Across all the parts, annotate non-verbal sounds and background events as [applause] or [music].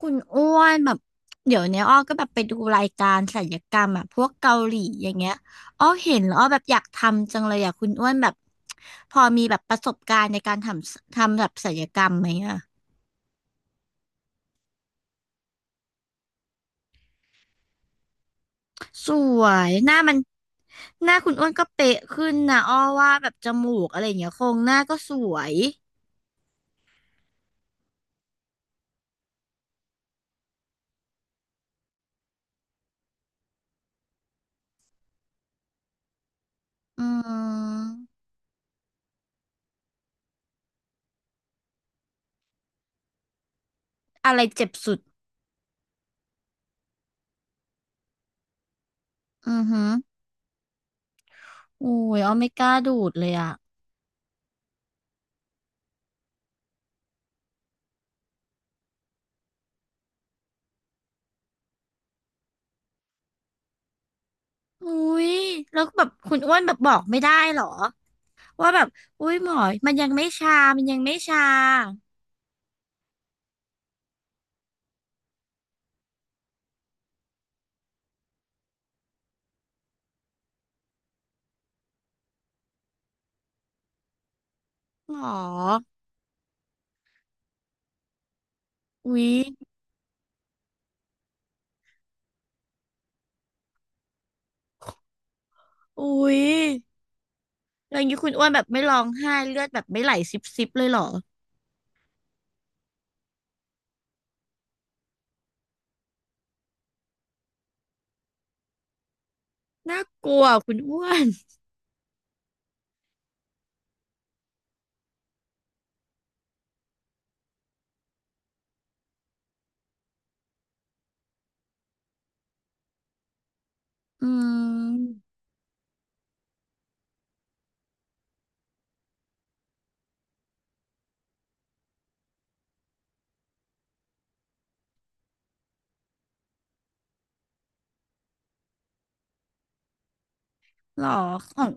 คุณอ้วนแบบเดี๋ยวเนี้ยอ้อก็แบบไปดูรายการศัลยกรรมอ่ะพวกเกาหลีอย่างเงี้ยอ้อเห็นแล้วอ้อแบบอยากทำจังเลยอ่ะคุณอ้วนแบบพอมีแบบประสบการณ์ในการทำแบบศัลยกรรมไหมอ่ะสวยหน้ามันหน้าคุณอ้วนก็เป๊ะขึ้นนะอ้อว่าแบบจมูกอะไรอย่างเงี้ยโครงหน้าก็สวยอืมอะไรเจ็บสุดอือหือโอุ้ยอ้อไม่กล้าดูดเลยอ่ะอุ้ยแล้วแบบคุณอ้วนแบบบอกไม่ได้เหรอ ว่าแบบอุ้ยหมอมันยังไม่ชา มันยังไม่ชาหมออุ้ยอุ้ยแล้วอย่างนี้คุณอ้วนแบบไม่ร้องไห้เลือดแบบไม่ไหลซิบซิบเลยเหรอ น่ากลัวคุณอ้วนอืมเหรอของ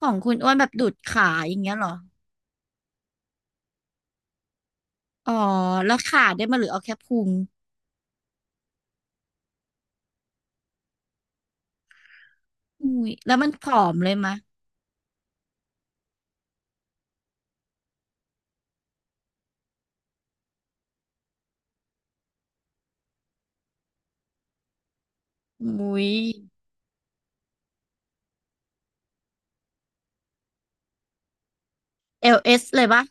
ของคุณอ้วนแบบดูดขาอย่างเงี้ยเหรออ๋อแล้วขาได้มาหรือเอาแค่พุงอุ้ยแล้วมันผอมเลยมะอุ้ยเอลเอสเลยปะ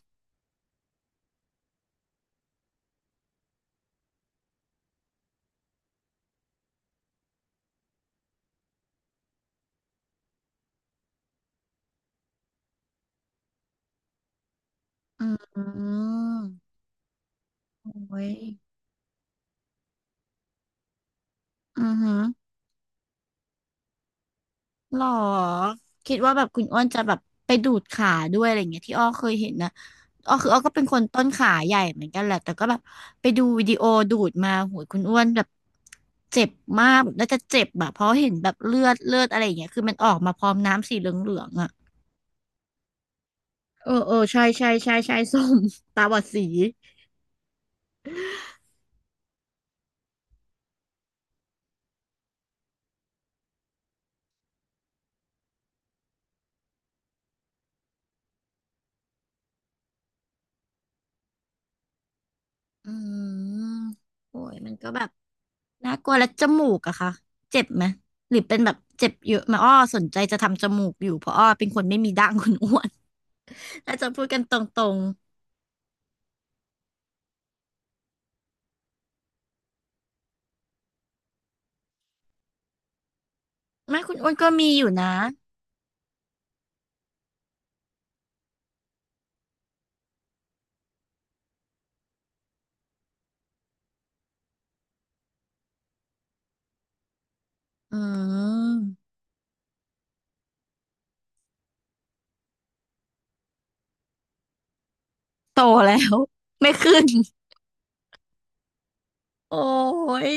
อืมอุ้ยอือหือ หรอคิดว่าแบบคุณอ้วนจะแบบไปดูดขาด้วยอะไรเงี้ยที่อ้อเคยเห็นนะอ้อคืออ้อก็เป็นคนต้นขาใหญ่เหมือนกันแหละแต่ก็แบบไปดูวิดีโอดูดมาโหยคุณอ้วนแบบเจ็บมากแบบน่าจะเจ็บแบบเพราะเห็นแบบเลือดอะไรอย่างเงี้ยคือมันออกมาพร้อมน้ำสีเหลืองๆอ่ะเออเออใช่ใช่ใช่ใช่ [laughs] ส้ม [laughs] ตาบอดสีอืมโอ้ยมันก็แบบน่ากลัวแล้วจมูกอะคะเจ็บไหมหรือเป็นแบบเจ็บเยอะไหมาอ้อสนใจจะทำจมูกอยู่เพราะอ้อเป็นคนไม่มีดั้งคุณอ้วน อาจจะพูดกันตรงๆไม่คุณอ้วนก็มีอยู่นะอืม โตแล้วไม่ขึ้น โอ้ย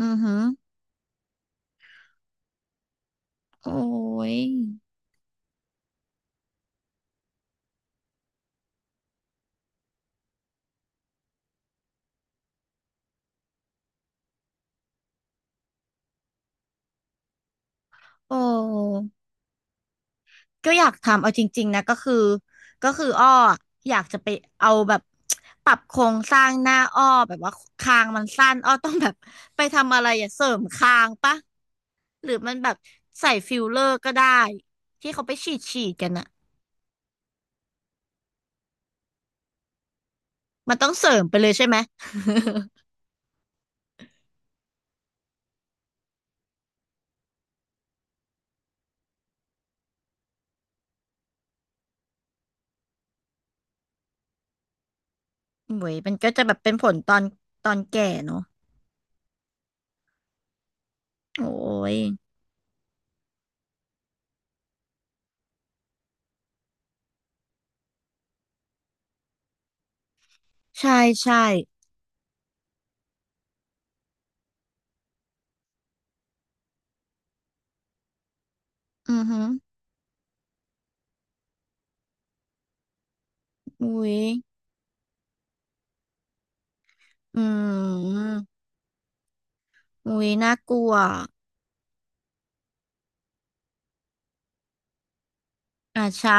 อือหือโอ้ย โอ้ก็อยากทำเอาจริงๆนะก็คืออ้ออยากจะไปเอาแบบปรับโครงสร้างหน้าอ้อแบบว่าคางมันสั้นอ้อต้องแบบไปทำอะไรอย่าเสริมคางปะหรือมันแบบใส่ฟิลเลอร์ก็ได้ที่เขาไปฉีดกันอะมันต้องเสริมไปเลยใช่ไหม [laughs] โอ้ยมันก็จะแบบเป็นผลตอนแก่เนาะโอ้ยใช่ใช่อือฮึอุ้ยอืมอุ้ยน่ากลัวอ่าใช่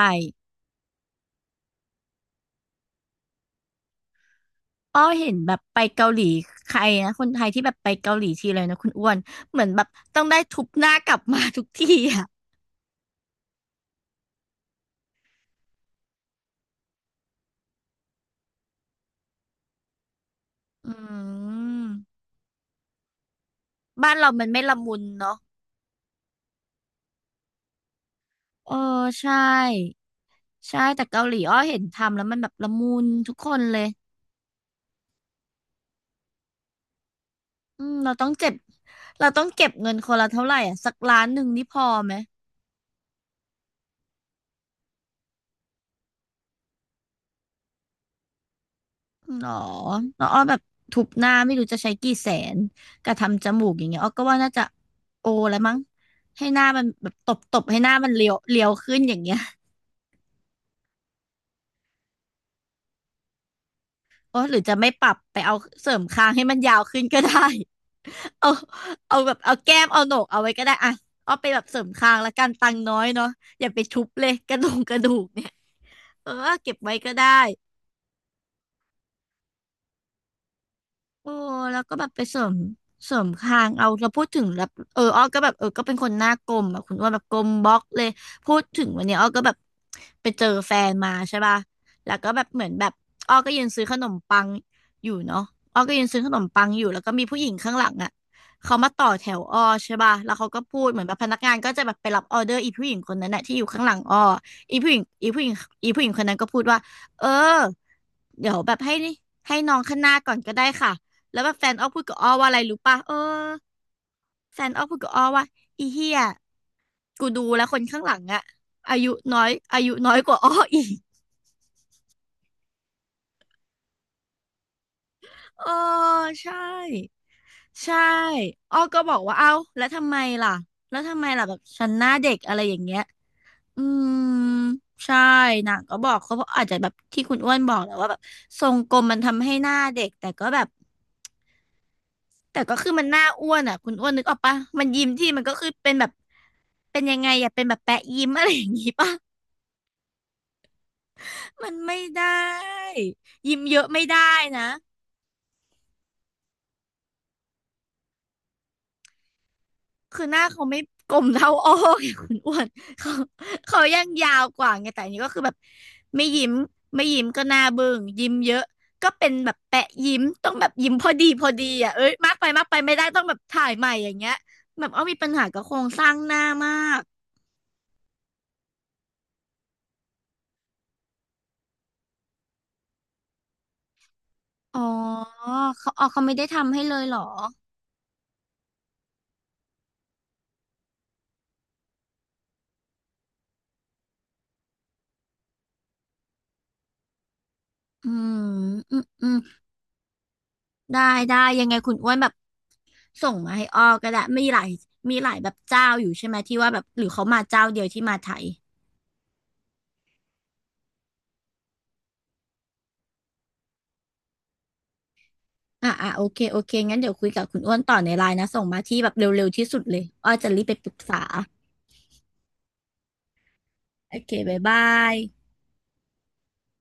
อ้อเห็นแบบไปเกาหลีใครนะคนไทยที่แบบไปเกาหลีทีเลยนะคุณอ้วนเหมือนแบบต้องได้ทุบหน้ากลับมา [laughs] ทุกทีอ่ะอืมบ้านเรามันไม่ละมุนเนาะเออใช่ใช่แต่เกาหลีอ้อเห็นทำแล้วมันแบบละมุนทุกคนเลย อืมเราต้องเจ็บ เราต้องเก็บเงินคนละเท่าไหร่อ่ะสักล้านหนึ่งนี่พอไหมหรอน้องอ้อแบบทุบหน้าไม่รู้จะใช้กี่แสนกระทำจมูกอย่างเงี้ยอ้อก็ว่าน่าจะโอแล้วมั้งให้หน้ามันแบบตบให้หน้ามันเลียวขึ้นอย่างเงี้ยโอ้หรือจะไม่ปรับไปเอาเสริมคางให้มันยาวขึ้นก็ได้ [laughs] เอาเอาแบบเอาแก้มเอาโหนกเอาไว้ก็ได้อ่ะอ้อไปแบบเสริมคางละกันตังค์น้อยเนาะอย่าไปทุบเลยกระดูกเนี่ยเออเก็บไว้ก็ได้ โอ้แล้วก็แบบไปเสริมคางเอาเราพูดถึงแล้วเอออ้อก็แบบเออก็เป็นคนหน้ากลมแบบคุณอ้วาแบบกลมบล็อกเลยพูดถึงวันนี้อ้อก็แบบไปเจอแฟนมาใช่ป่ะแล้วก็แบบเหมือนแบบอ้อก็ยืนซื้อขนมปังอยู่เนาะอ้อก็ยืนซื้อขนมปังอยู่แล้วก็มีผู้หญิงข้างหลังอ่ะเขามาต่อแถวอ้อใช่ป่ะแล้วเขาก็พูดเหมือนแบบพนักงานก็จะแบบไปรับออเดอร์อีผู้หญิงคนนั้นน่ะที่อยู่ข้างหลังอ้ออีผู้หญิงอีผู้หญิงคนนั้นก็พูดว่าเออเดี๋ยวแบบให้นี่ให้น้องข้างหน้าก่อนก็ได้ค่ะ แล้วแบบแฟนอ้อพูดกับอ้อว่าอะไรรู้ป่ะเออแฟนอ้อพูดกับอ้อว่าอีเหี้ยกูดูแล้วคนข้างหลังอะอายุอายุน้อยกว่าอ้ออีกเออใช่ใช่อ้อก็บอกว่าเอ้าแล้วทำไมล่ะแล้วทำไมล่ะแบบฉันหน้าเด็กอะไรอย่างเงี้ยอืมใช่นางก็บอกเขาเพราะอาจจะแบบที่คุณอ้วนบอกแหละว่าแบบทรงกลมมันทำให้หน้าเด็กแต่ก็แบบ แต่ก็คือมันหน้าอ้วนอ่ะคุณอ้วนนึกออกปะมันยิ้มที่มันก็คือเป็นแบบเป็นยังไงอ่ะเป็นแบบแปะยิ้มอะไรอย่างงี้ปะ [laughs] มันไม่ได้ยิ้มเยอะไม่ได้นะคือหน้าเขาไม่กลมเท่าอ้อไง [laughs] คุณอ้วนเขาเขายังยาวกว่าไงแต่อันนี้ก็คือแบบไม่ยิ้มไม่ยิ้มก็หน้าเบึ้งยิ้มเยอะก็เป็นแบบแปะยิ้มต้องแบบยิ้มพอดีพอดีอ่ะเอ้ยมากไปไม่ได้ต้องแบบถ่ายใหม่อย่างเงี้ยแบบอ้อมีปัญหากับโครงสร้างหน้ามาก อ๋อเขาอ๋อเขาไม่ได้ทำให้เลยเหรออืมอืมได้ได้ยังไงคุณอ้วนแบบส่งมาให้อ้อก็ได้มีหลายแบบเจ้าอยู่ใช่ไหมที่ว่าแบบหรือเขามาเจ้าเดียวที่มาไทยอ่ะโอเคงั้นเดี๋ยวคุยกับคุณอ้วนต่อในไลน์นะส่งมาที่แบบเร็วๆที่สุดเลยอ้อจะรีบไปปรึกษาโอเคบ๊ายบาย